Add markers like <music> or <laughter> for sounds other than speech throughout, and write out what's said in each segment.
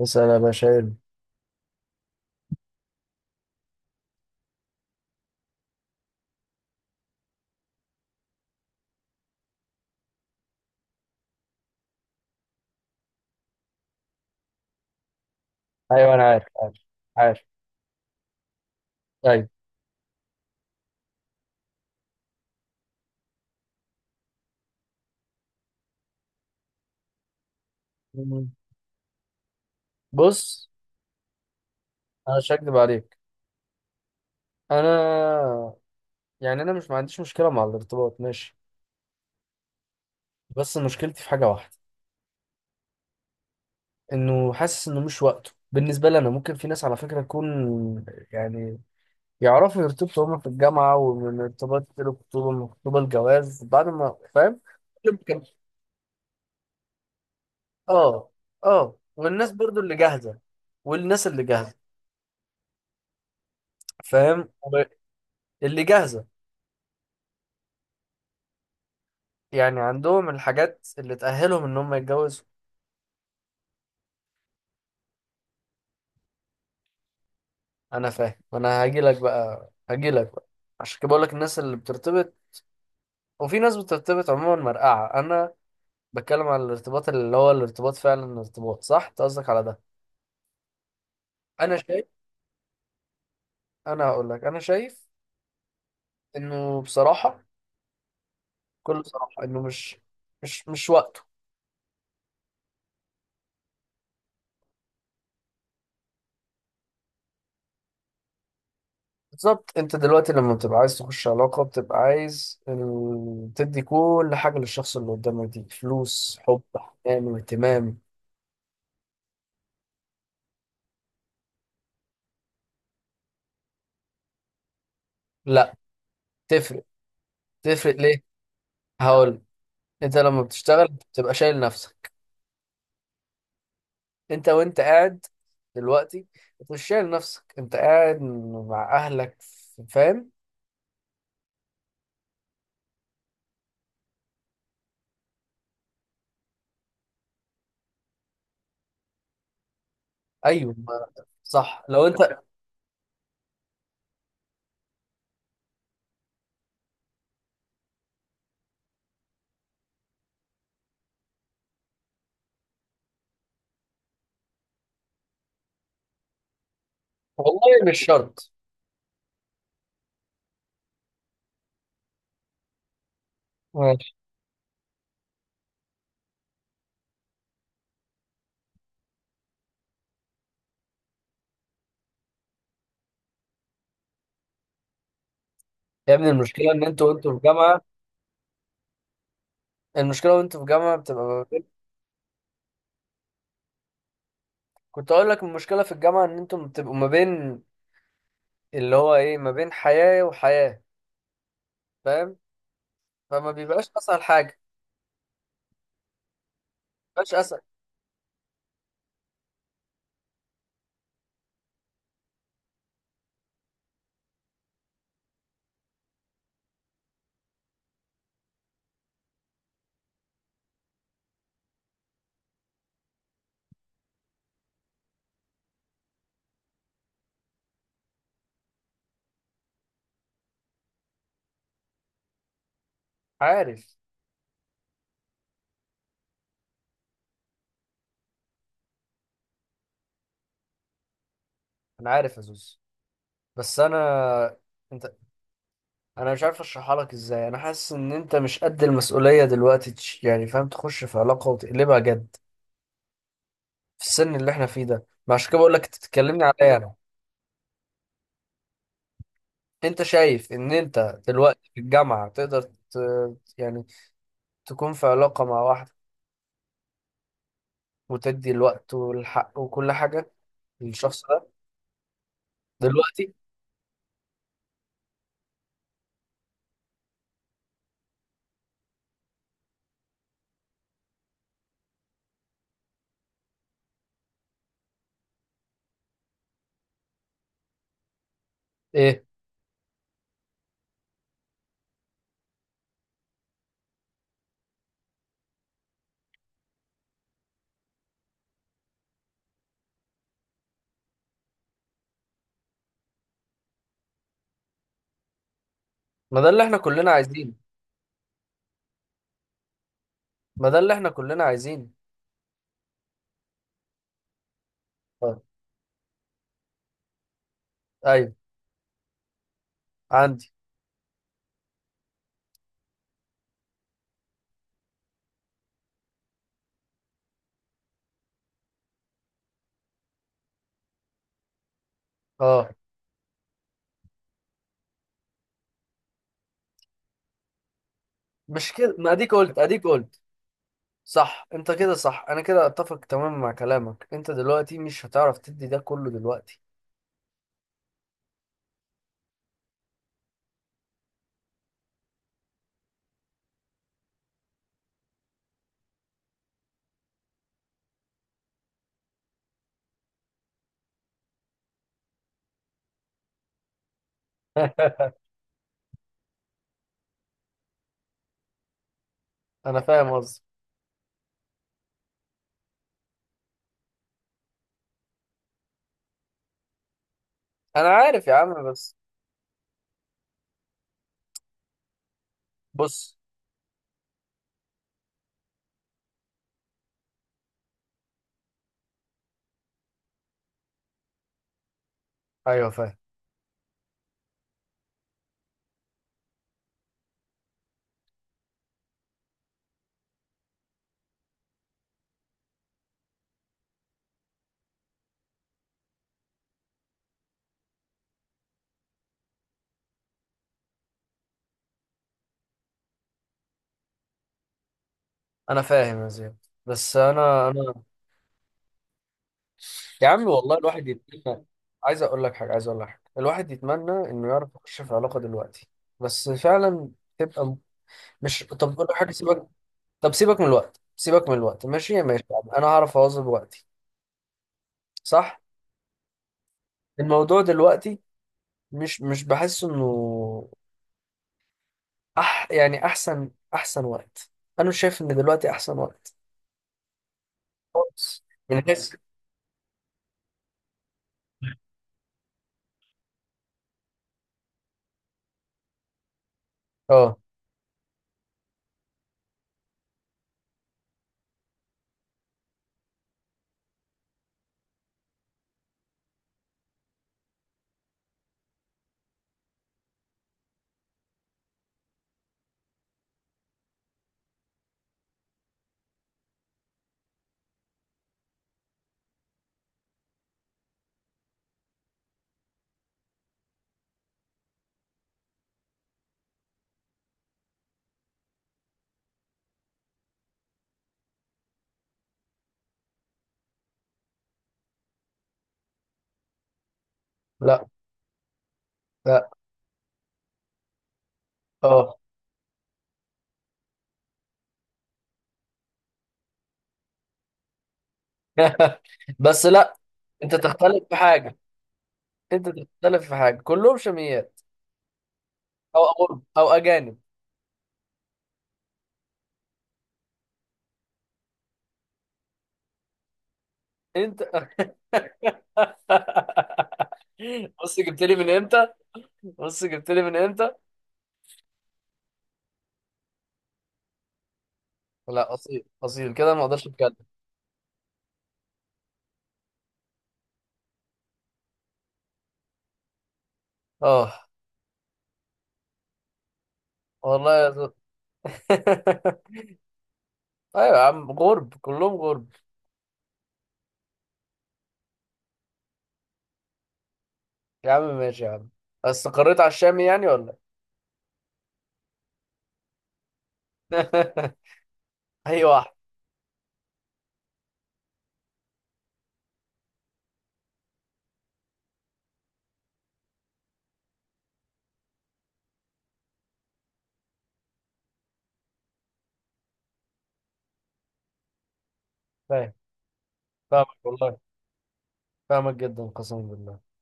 اسأل يا باشا إيه؟ ايوه انا عارف عارف. ايوه مم. بص، انا مش هكدب عليك. انا، يعني انا مش ما عنديش مشكله مع الارتباط ماشي، بس مشكلتي في حاجه واحده، انه حاسس انه مش وقته بالنسبه لي. انا ممكن في ناس على فكره تكون، يعني يعرفوا يرتبطوا هما في الجامعه ومن ارتباط الخطوبه، من الخطوبه الجواز بعد، ما فاهم. يمكن، اه اه. والناس برضو اللي جاهزه، والناس اللي جاهزه، فاهم؟ اللي جاهزه يعني عندهم الحاجات اللي تأهلهم إن هم يتجوزوا. أنا فاهم، أنا هاجيلك بقى هاجيلك بقى. عشان كده بقولك الناس اللي بترتبط، وفي ناس بترتبط عموما مرقعة. أنا بتكلم على الارتباط اللي هو الارتباط فعلا، الارتباط صح، أنت قصدك على ده. أنا شايف، أنا هقولك أنا شايف إنه بصراحة، بكل صراحة، إنه مش مش وقته. بالظبط، أنت دلوقتي لما بتبقى عايز تخش علاقة، بتبقى عايز تدي كل حاجة للشخص اللي قدامك، دي فلوس، حب، حنان واهتمام. لا، تفرق. تفرق ليه؟ هقول. انت لما بتشتغل بتبقى شايل نفسك، انت وانت قاعد دلوقتي انت مش شايل نفسك، انت قاعد مع اهلك، فاهم؟ ايوه. صح لو انت. والله مش شرط. ماشي. يا ابني المشكله ان انتوا، وانتوا في جامعه المشكله وانتوا في جامعه بتبقى ما بين... كنت اقول لك المشكله في الجامعه ان انتوا بتبقوا ما بين، اللي هو ايه، ما بين حياه وحياه، فاهم؟ فما بيبقاش اسهل حاجه، ما بيبقاش اسهل. عارف. انا عارف يا زوز بس انا، انت، انا مش عارف اشرحها لك ازاي. انا حاسس ان انت مش قد المسؤوليه دلوقتي، يعني فاهم، تخش في علاقه وتقلبها جد في السن اللي احنا فيه ده. ما عشان كده بقول لك تتكلمني عليا انا. انت شايف ان انت دلوقتي في الجامعه تقدر ت... يعني تكون في علاقه مع واحده، وتدي الوقت والحق وكل حاجه للشخص ده دلوقتي؟ ايه، ما ده اللي احنا كلنا عايزينه، ما ده اللي احنا كلنا عايزينه. آه، ايوه عندي. اه، مش كده؟ ما اديك قلت اديك قلت. صح، انت كده صح، انا كده اتفق تماما مع كلامك. انت دلوقتي مش هتعرف تدي ده كله دلوقتي. <laughs> انا فاهم قصدي. انا عارف يا عم بس. بص. ايوه فاهم. انا فاهم يا زياد بس انا انا. يا عم والله الواحد يتمنى، عايز اقول لك حاجه، عايز اقول لك حاجه، الواحد يتمنى انه يعرف يخش في علاقه دلوقتي، بس فعلا تبقى. مش، طب اقول لك حاجه، سيبك، طب سيبك من الوقت، سيبك من الوقت ماشي، ماشي يا عم. انا هعرف اواظب وقتي، صح؟ الموضوع دلوقتي مش بحس انه يعني احسن وقت. انا مش شايف ان دلوقتي احسن وقت خالص. من حيث، اه لا لا. اه، <laughs> بس لا. انت تختلف في حاجه، انت تختلف في حاجه، كلهم شاميات او أغرب او اجانب. انت، <laughs> بص جبت لي من امتى، بص جبت لي من امتى. لا اصيل اصيل كده ما اقدرش اتكلم. اه، والله يا زلمة. <laughs> ايوه يا عم، غرب كلهم غرب. يا عم ماشي يا عم، بس قريت على الشامي يعني ولا إيه؟ <laughs> اي واحد. فاهم. فاهمك والله، فاهمك جدا قسما بالله.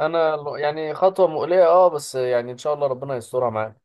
انا يعني خطوه مؤليه اه، بس يعني ان شاء الله ربنا يسترها معانا.